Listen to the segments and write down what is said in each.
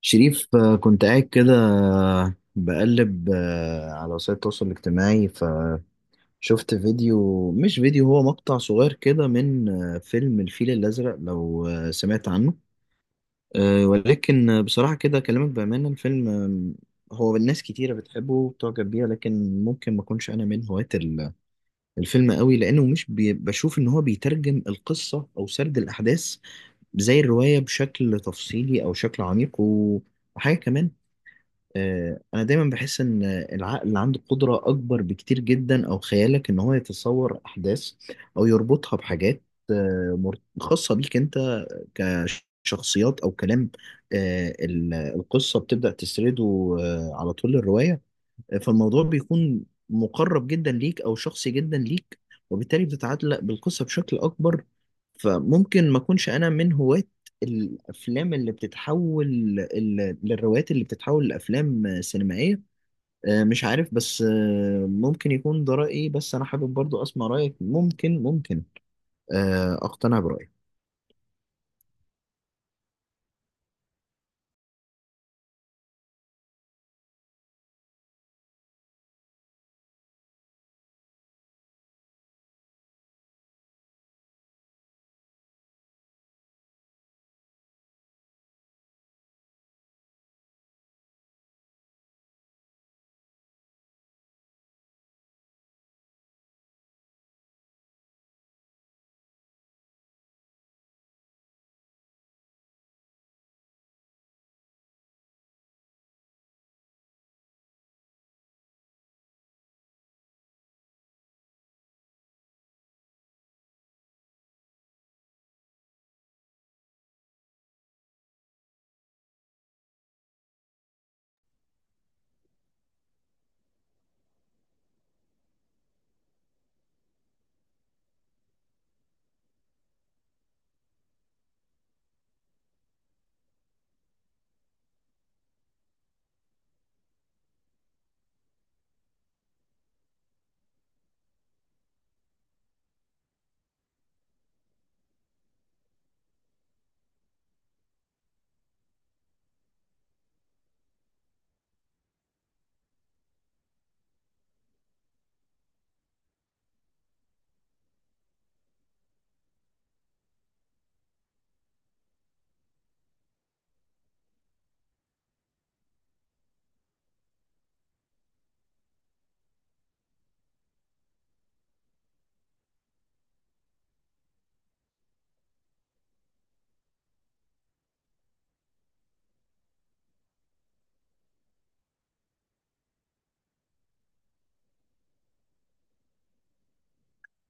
شريف، كنت قاعد كده بقلب على وسائل التواصل الاجتماعي فشفت فيديو، مش فيديو، هو مقطع صغير كده من فيلم الفيل الأزرق، لو سمعت عنه. ولكن بصراحة كده أكلمك بأمانة، الفيلم، هو الناس كتيرة بتحبه وبتعجب بيه، لكن ممكن ما أكونش أنا من هواة الفيلم قوي، لأنه مش بشوف إن هو بيترجم القصة أو سرد الأحداث زي الرواية بشكل تفصيلي أو شكل عميق وحاجة كمان. انا دايما بحس ان العقل اللي عنده قدرة اكبر بكتير جدا، او خيالك، ان هو يتصور احداث او يربطها بحاجات خاصة بيك انت، كشخصيات او كلام. القصة بتبدأ تسرده على طول الرواية، فالموضوع بيكون مقرب جدا ليك، او شخصي جدا ليك، وبالتالي بتتعلق بالقصه بشكل اكبر. فممكن ما اكونش انا من هواة الافلام اللي بتتحول للروايات اللي بتتحول لافلام سينمائيه. مش عارف، بس ممكن يكون ده رايي، بس انا حابب برضو اسمع رايك، ممكن اقتنع برايك.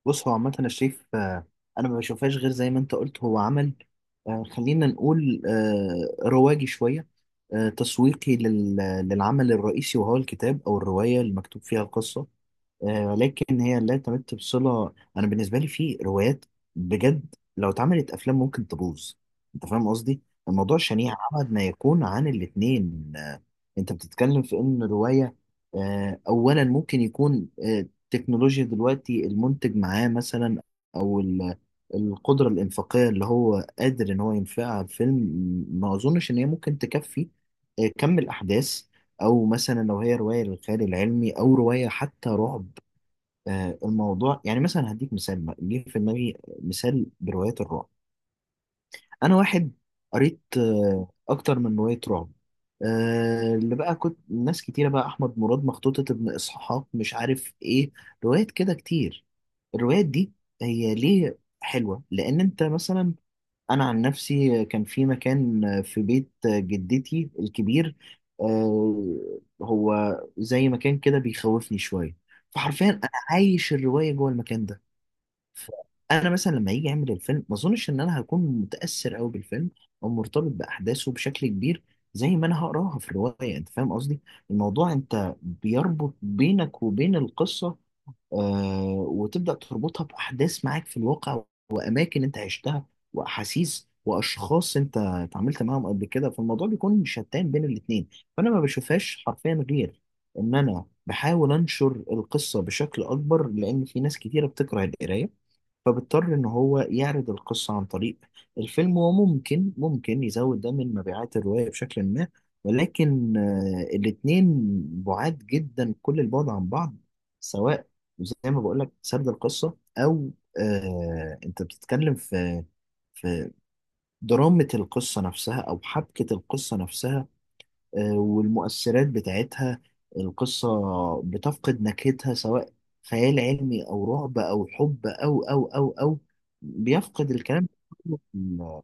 بص، هو عامة أنا شايف أنا ما بشوفهاش غير زي ما أنت قلت، هو عمل خلينا نقول رواجي شوية، تسويقي للعمل الرئيسي، وهو الكتاب أو الرواية اللي مكتوب فيها القصة. ولكن هي لا تمت بصلة. أنا بالنسبة لي، في روايات بجد لو اتعملت أفلام ممكن تبوظ. أنت فاهم قصدي؟ الموضوع شنيع، أبعد ما يكون عن الاتنين. أنت بتتكلم في إن رواية أولا ممكن يكون التكنولوجيا دلوقتي، المنتج معاه مثلا، أو القدرة الإنفاقية اللي هو قادر إن هو ينفقها على الفيلم، ما أظنش إن هي ممكن تكفي كم الأحداث. او مثلا لو هي روايه للخيال العلمي، او روايه حتى رعب، الموضوع يعني، مثلا هديك مثال بقى. جه في دماغي مثال بروايات الرعب. انا واحد قريت اكتر من روايه رعب، اللي بقى كنت، ناس كتيره بقى، احمد مراد، مخطوطه ابن اسحاق، مش عارف ايه، روايات كده كتير. الروايات دي هي ليه حلوه؟ لان انت مثلا، انا عن نفسي كان في مكان في بيت جدتي الكبير، هو زي مكان كده بيخوفني شويه. فحرفيا انا عايش الروايه جوه المكان ده. انا مثلا لما يجي يعمل الفيلم، ما اظنش ان انا هكون متاثر قوي بالفيلم او مرتبط باحداثه بشكل كبير زي ما انا هقراها في الروايه. انت فاهم قصدي؟ الموضوع، انت بيربط بينك وبين القصه، آه وتبدا تربطها باحداث معاك في الواقع، واماكن انت عشتها، واحاسيس واشخاص انت اتعاملت معاهم قبل كده. فالموضوع بيكون شتان بين الاتنين. فانا ما بشوفهاش حرفيا غير ان انا بحاول انشر القصه بشكل اكبر، لان في ناس كتيره بتكره القرايه، فبيضطر ان هو يعرض القصة عن طريق الفيلم، وممكن يزود ده من مبيعات الرواية بشكل ما. ولكن الاتنين بعاد جدا كل البعد عن بعض، سواء زي ما بقولك سرد القصة، او انت بتتكلم في درامة القصة نفسها، او حبكة القصة نفسها، والمؤثرات بتاعتها. القصة بتفقد نكهتها، سواء خيال علمي أو رعب أو حب أو بيفقد الكلام كله.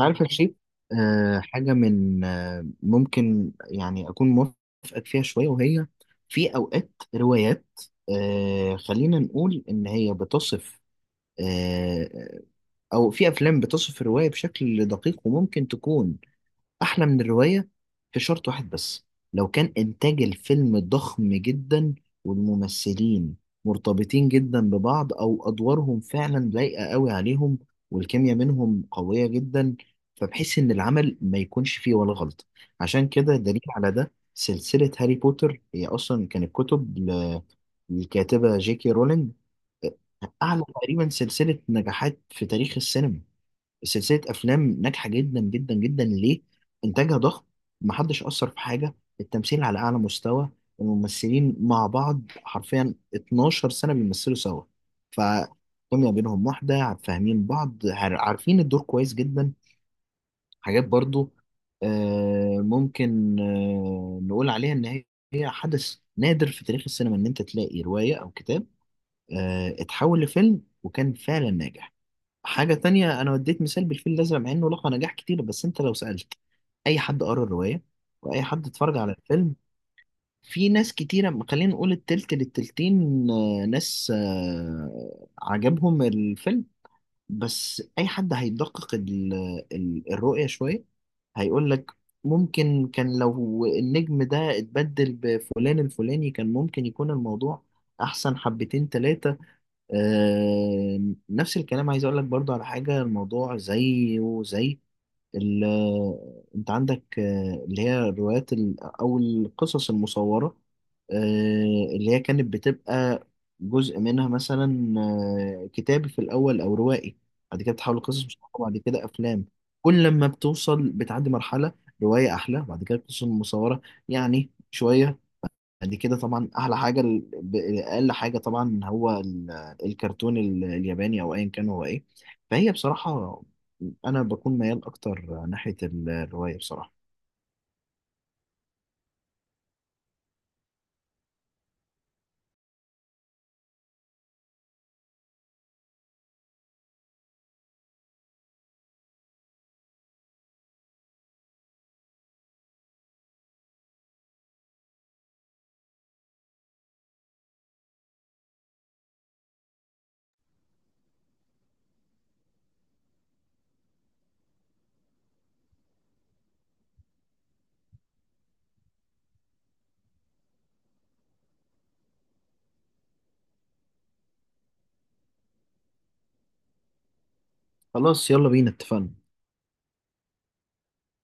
عارف يا شيخ، حاجة من ممكن يعني أكون موافقك فيها شوية، وهي في أوقات روايات، خلينا نقول إن هي بتصف آه، أو في أفلام بتصف الرواية بشكل دقيق، وممكن تكون أحلى من الرواية في شرط واحد بس: لو كان إنتاج الفيلم ضخم جدا، والممثلين مرتبطين جدا ببعض، أو أدوارهم فعلا لايقة قوي عليهم، والكيمياء منهم قوية جدا، فبحيث إن العمل ما يكونش فيه ولا غلط. عشان كده، دليل على ده سلسلة هاري بوتر، هي أصلا كانت كتب للكاتبة جي كي رولينج، أعلى تقريبا سلسلة نجاحات في تاريخ السينما، سلسلة أفلام ناجحة جدا جدا جدا. ليه؟ إنتاجها ضخم، محدش أثر في حاجة، التمثيل على أعلى مستوى، الممثلين مع بعض حرفيا 12 سنة بيمثلوا سوا، فكيميا بينهم واحدة، فاهمين بعض، عارفين الدور كويس جدا. حاجات برضو ممكن نقول عليها إن هي حدث نادر في تاريخ السينما، إن أنت تلاقي رواية أو كتاب اتحول لفيلم وكان فعلا ناجح. حاجة تانية، أنا وديت مثال بالفيل الأزرق، مع إنه لقى نجاح كتير، بس أنت لو سألت أي حد قرأ الرواية وأي حد اتفرج على الفيلم، في ناس كتيرة خلينا نقول التلت للتلتين، ناس عجبهم الفيلم. بس أي حد هيدقق الرؤية شوية، هيقول لك ممكن كان لو النجم ده اتبدل بفلان الفلاني، كان ممكن يكون الموضوع أحسن حبتين تلاتة. آه، نفس الكلام عايز اقول لك برضو على حاجه، الموضوع زي وزي ال- انت عندك اللي هي الروايات او القصص المصوره، اللي هي كانت بتبقى جزء منها مثلا كتابي في الاول او روائي، بعد كده بتحول قصص مصوره، بعد كده افلام. كل لما بتوصل بتعدي مرحله، روايه احلى، بعد كده قصص مصوره يعني شويه، بعد كده طبعا احلى حاجه اقل حاجه طبعا هو الكرتون الياباني، او ايا كان هو ايه. فهي بصراحه، انا بكون ميال اكتر ناحيه الروايه بصراحه. خلاص، يلا بينا، اتفقنا.